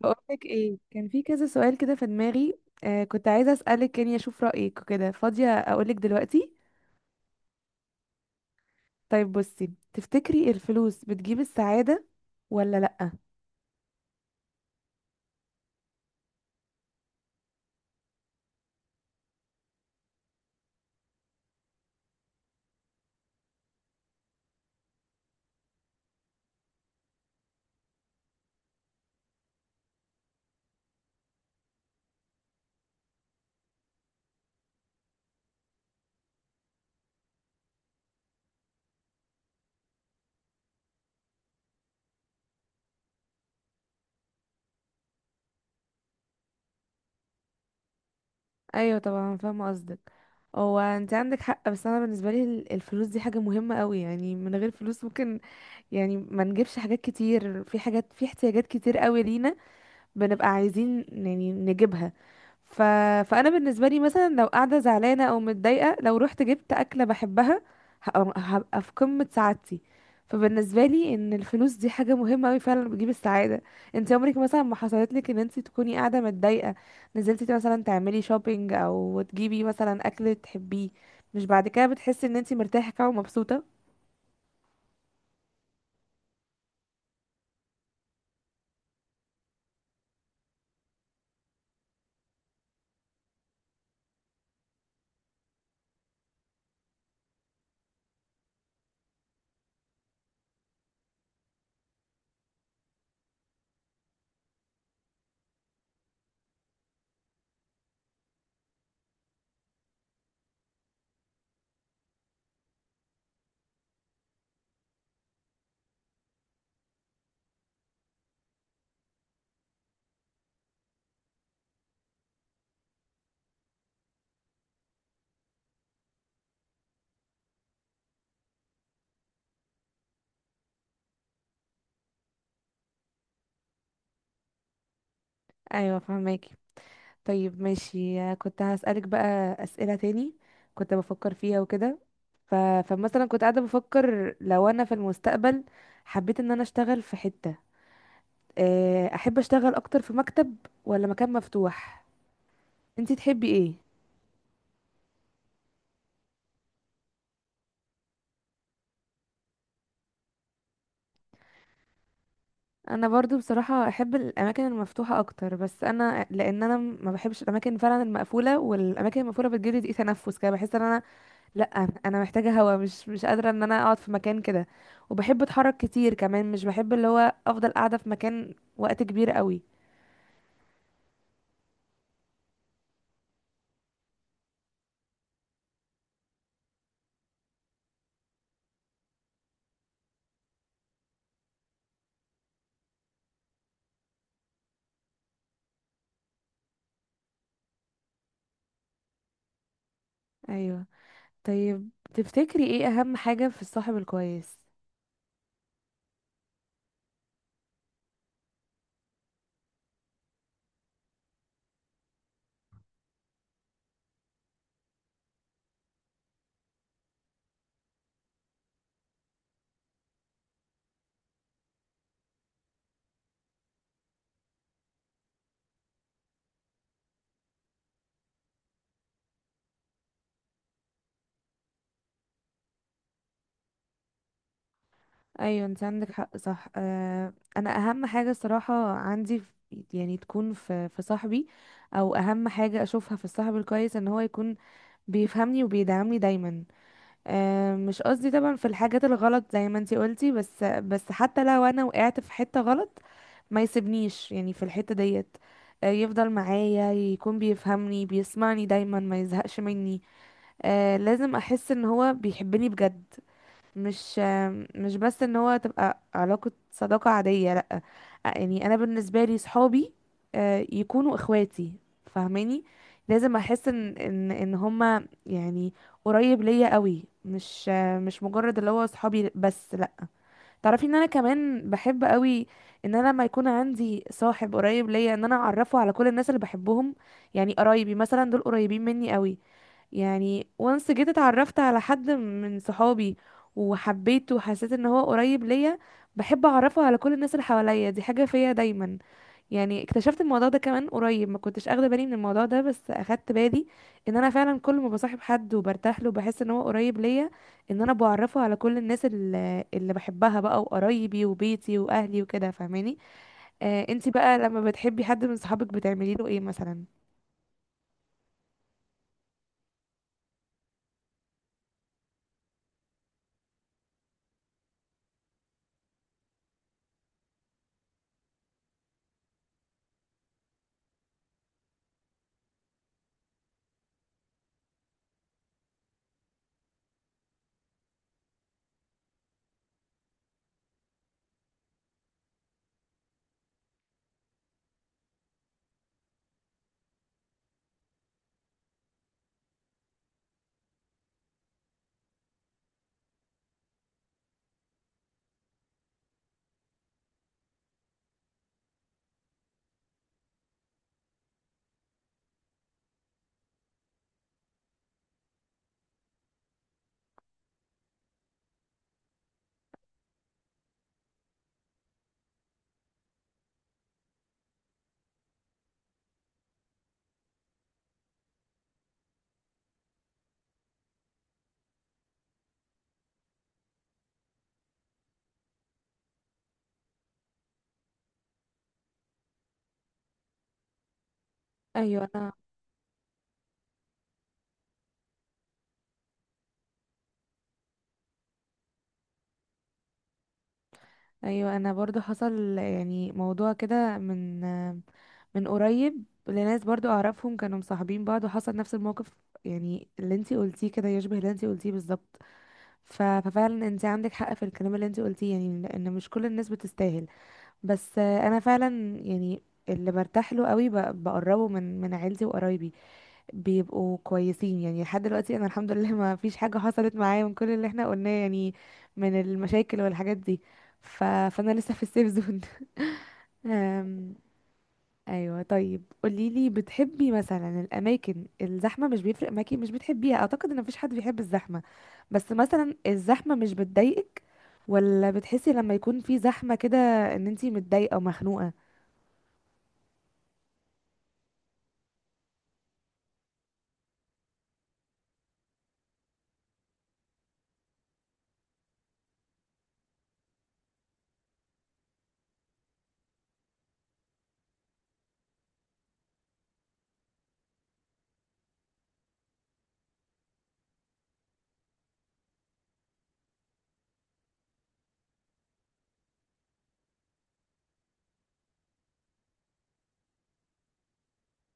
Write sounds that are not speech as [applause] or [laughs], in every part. بقولك ايه، كان في كذا سؤال كده في دماغي. آه، كنت عايزة أسألك يعني أشوف رأيك وكده. فاضية أقولك دلوقتي؟ طيب، بصي، تفتكري الفلوس بتجيب السعادة ولا لأ؟ أيوة طبعا فاهمة قصدك. هو انت عندك حق، بس انا بالنسبه لي الفلوس دي حاجه مهمه قوي، يعني من غير فلوس ممكن يعني ما نجيبش حاجات كتير. في احتياجات كتير قوي لينا بنبقى عايزين يعني نجيبها. ف... فانا بالنسبه لي مثلا، لو قاعده زعلانه او متضايقه، لو رحت جبت اكله بحبها هبقى في قمه سعادتي. فبالنسبه لي ان الفلوس دي حاجه مهمه قوي، فعلا بتجيب السعاده. انت عمرك مثلا ما حصلت لك ان انت تكوني قاعده متضايقه، نزلتي مثلا تعملي شوبينج او تجيبي مثلا اكل تحبيه، مش بعد كده بتحسي ان انت مرتاحه كده ومبسوطه؟ ايوه فهماكي. طيب ماشي، كنت هسألك بقى أسئلة تاني كنت بفكر فيها وكده. ف... فمثلا كنت قاعدة بفكر، لو أنا في المستقبل حبيت إن أنا أشتغل في حتة، أحب أشتغل أكتر في مكتب ولا مكان مفتوح؟ انتي تحبي إيه؟ أنا برضو بصراحة أحب الأماكن المفتوحة أكتر، بس أنا لأن أنا ما بحبش الأماكن فعلا المقفولة، والأماكن المقفولة بتجيلي ضيق تنفس كده، بحس إن أنا، لا، انا محتاجه هوا، مش قادره ان انا اقعد في مكان كده. وبحب اتحرك كتير كمان، مش بحب اللي هو افضل قاعده في مكان وقت كبير قوي. ايوه. طيب تفتكري ايه اهم حاجه في الصاحب الكويس؟ ايوه انت عندك حق، صح. آه، انا اهم حاجه الصراحه عندي يعني تكون في صاحبي، او اهم حاجه اشوفها في الصاحب الكويس، ان هو يكون بيفهمني وبيدعمني دايما. مش قصدي طبعا في الحاجات الغلط زي ما انتي قلتي، بس حتى لو انا وقعت في حتة غلط ما يسيبنيش يعني في الحتة ديت. يفضل معايا، يكون بيفهمني بيسمعني دايما، ما يزهقش مني. لازم احس ان هو بيحبني بجد، مش مش بس ان هو تبقى علاقة صداقة عادية، لأ. يعني انا بالنسبة لي صحابي يكونوا اخواتي، فاهماني؟ لازم احس ان هما يعني قريب ليا قوي، مش مجرد اللي هو صحابي بس، لأ. تعرفي ان انا كمان بحب قوي، ان انا لما يكون عندي صاحب قريب ليا ان انا اعرفه على كل الناس اللي بحبهم. يعني قرايبي مثلا دول قريبين مني قوي، يعني وانس جيت اتعرفت على حد من صحابي وحبيته وحسيت ان هو قريب ليا، بحب اعرفه على كل الناس اللي حواليا. دي حاجة فيا دايما. يعني اكتشفت الموضوع ده كمان قريب، ما كنتش اخده بالي من الموضوع ده، بس اخدت بالي ان انا فعلا كل ما بصاحب حد وبرتاح له بحس ان هو قريب ليا، ان انا بعرفه على كل الناس اللي بحبها بقى، وقرايبي وبيتي واهلي وكده، فاهماني؟ انتي بقى لما بتحبي حد من صحابك بتعملي له ايه مثلا؟ ايوه. ايوه انا برضو حصل يعني موضوع كده، من قريب، لناس برضو اعرفهم كانوا مصاحبين بعض وحصل نفس الموقف. يعني اللي انتي قلتيه كده يشبه اللي انتي قلتيه بالظبط. ففعلا انتي عندك حق في الكلام اللي انتي قلتيه، يعني لان مش كل الناس بتستاهل. بس انا فعلا يعني اللي برتاح له قوي بقربه من عيلتي وقرايبي بيبقوا كويسين. يعني لحد دلوقتي انا الحمد لله ما فيش حاجة حصلت معايا من كل اللي احنا قلناه، يعني من المشاكل والحاجات دي. فانا لسه في السيف زون. [laughs] أم... ايوه. طيب قولي لي، بتحبي مثلا الاماكن الزحمه، مش بيفرق معاكي، مش بتحبيها؟ اعتقد ان مفيش حد بيحب الزحمه، بس مثلا الزحمه مش بتضايقك ولا بتحسي لما يكون في زحمه كده ان انتي متضايقه ومخنوقه؟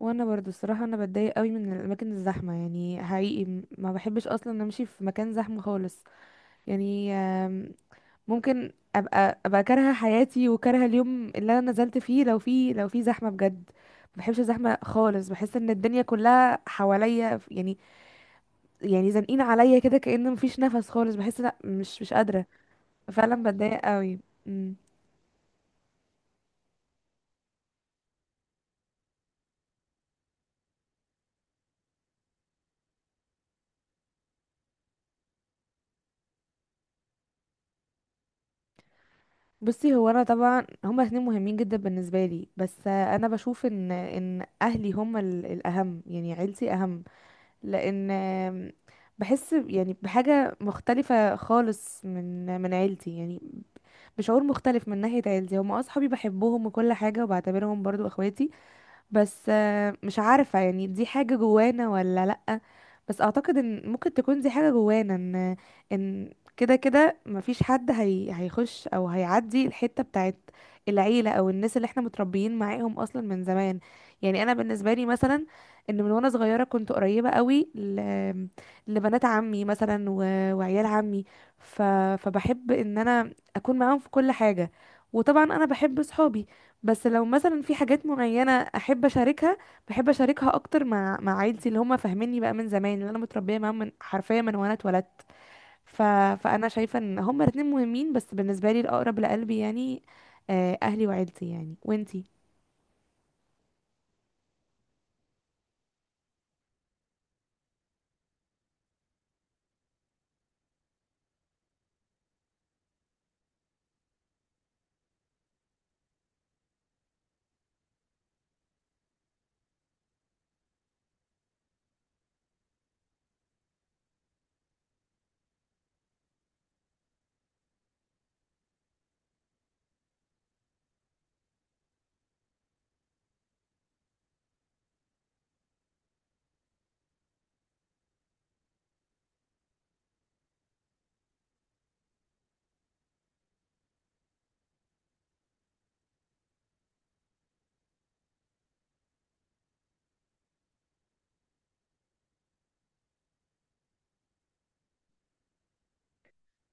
وانا برضو الصراحه انا بتضايق قوي من الاماكن الزحمه. يعني حقيقي ما بحبش اصلا امشي في مكان زحمه خالص. يعني ممكن ابقى كارهه حياتي وكارهه اليوم اللي انا نزلت فيه لو في زحمه بجد. ما بحبش الزحمه خالص، بحس ان الدنيا كلها حواليا يعني يعني زانقين عليا كده، كأن مفيش نفس خالص، بحس لا، مش قادره. فعلا بتضايق قوي. بصي، هو انا طبعا هما الاثنين مهمين جدا بالنسبه لي، بس انا بشوف ان ان اهلي هما الاهم، يعني عيلتي اهم. لان بحس يعني بحاجه مختلفه خالص من عيلتي، يعني بشعور مختلف. من ناحيه عيلتي هما اصحابي، بحبهم وكل حاجه، وبعتبرهم برضو اخواتي. بس مش عارفة يعني دي حاجة جوانا ولا لأ، بس أعتقد إن ممكن تكون دي حاجة جوانا، إن إن كده كده مفيش حد هيخش أو هيعدي الحتة بتاعت العيلة، أو الناس اللي احنا متربيين معاهم أصلا من زمان. يعني أنا بالنسبة لي مثلا، إن من وأنا صغيرة كنت قريبة قوي لبنات عمي مثلا وعيال عمي، ف... فبحب إن أنا أكون معاهم في كل حاجة. وطبعا أنا بحب صحابي، بس لو مثلا في حاجات معينة أحب أشاركها، بحب أشاركها أكتر مع عيلتي اللي هم فاهميني بقى من زمان، اللي أنا متربية معاهم من حرفيا من وأنا اتولدت. ف... فأنا شايفة إن هما الاتنين مهمين، بس بالنسبة لي الأقرب لقلبي يعني أهلي وعيلتي، يعني. وإنتي؟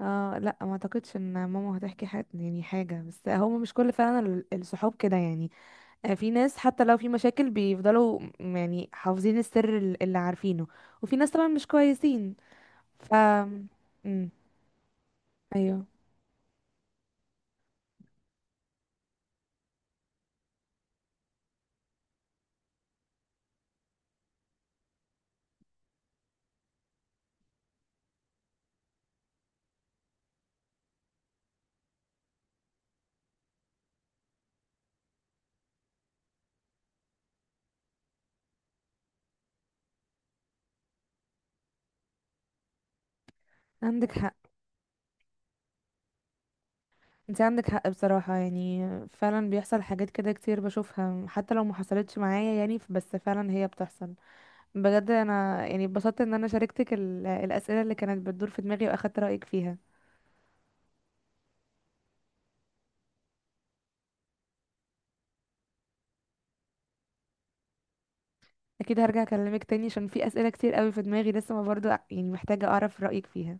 اه لا، ما اعتقدش ان ماما هتحكي حاجة يعني حاجة، بس هما مش كل فعلا الصحاب كده. يعني في ناس حتى لو في مشاكل بيفضلوا يعني حافظين السر اللي عارفينه، وفي ناس طبعا مش كويسين. ف مم. ايوه، عندك حق انت عندك حق بصراحة، يعني فعلا بيحصل حاجات كده كتير بشوفها حتى لو ما حصلتش معايا، يعني بس فعلا هي بتحصل. بجد انا يعني اتبسطت ان انا شاركتك الاسئلة اللي كانت بتدور في دماغي واخدت رأيك فيها. اكيد هرجع اكلمك تاني عشان في اسئلة كتير قوي في دماغي لسه، ما برضو يعني محتاجة اعرف رأيك فيها.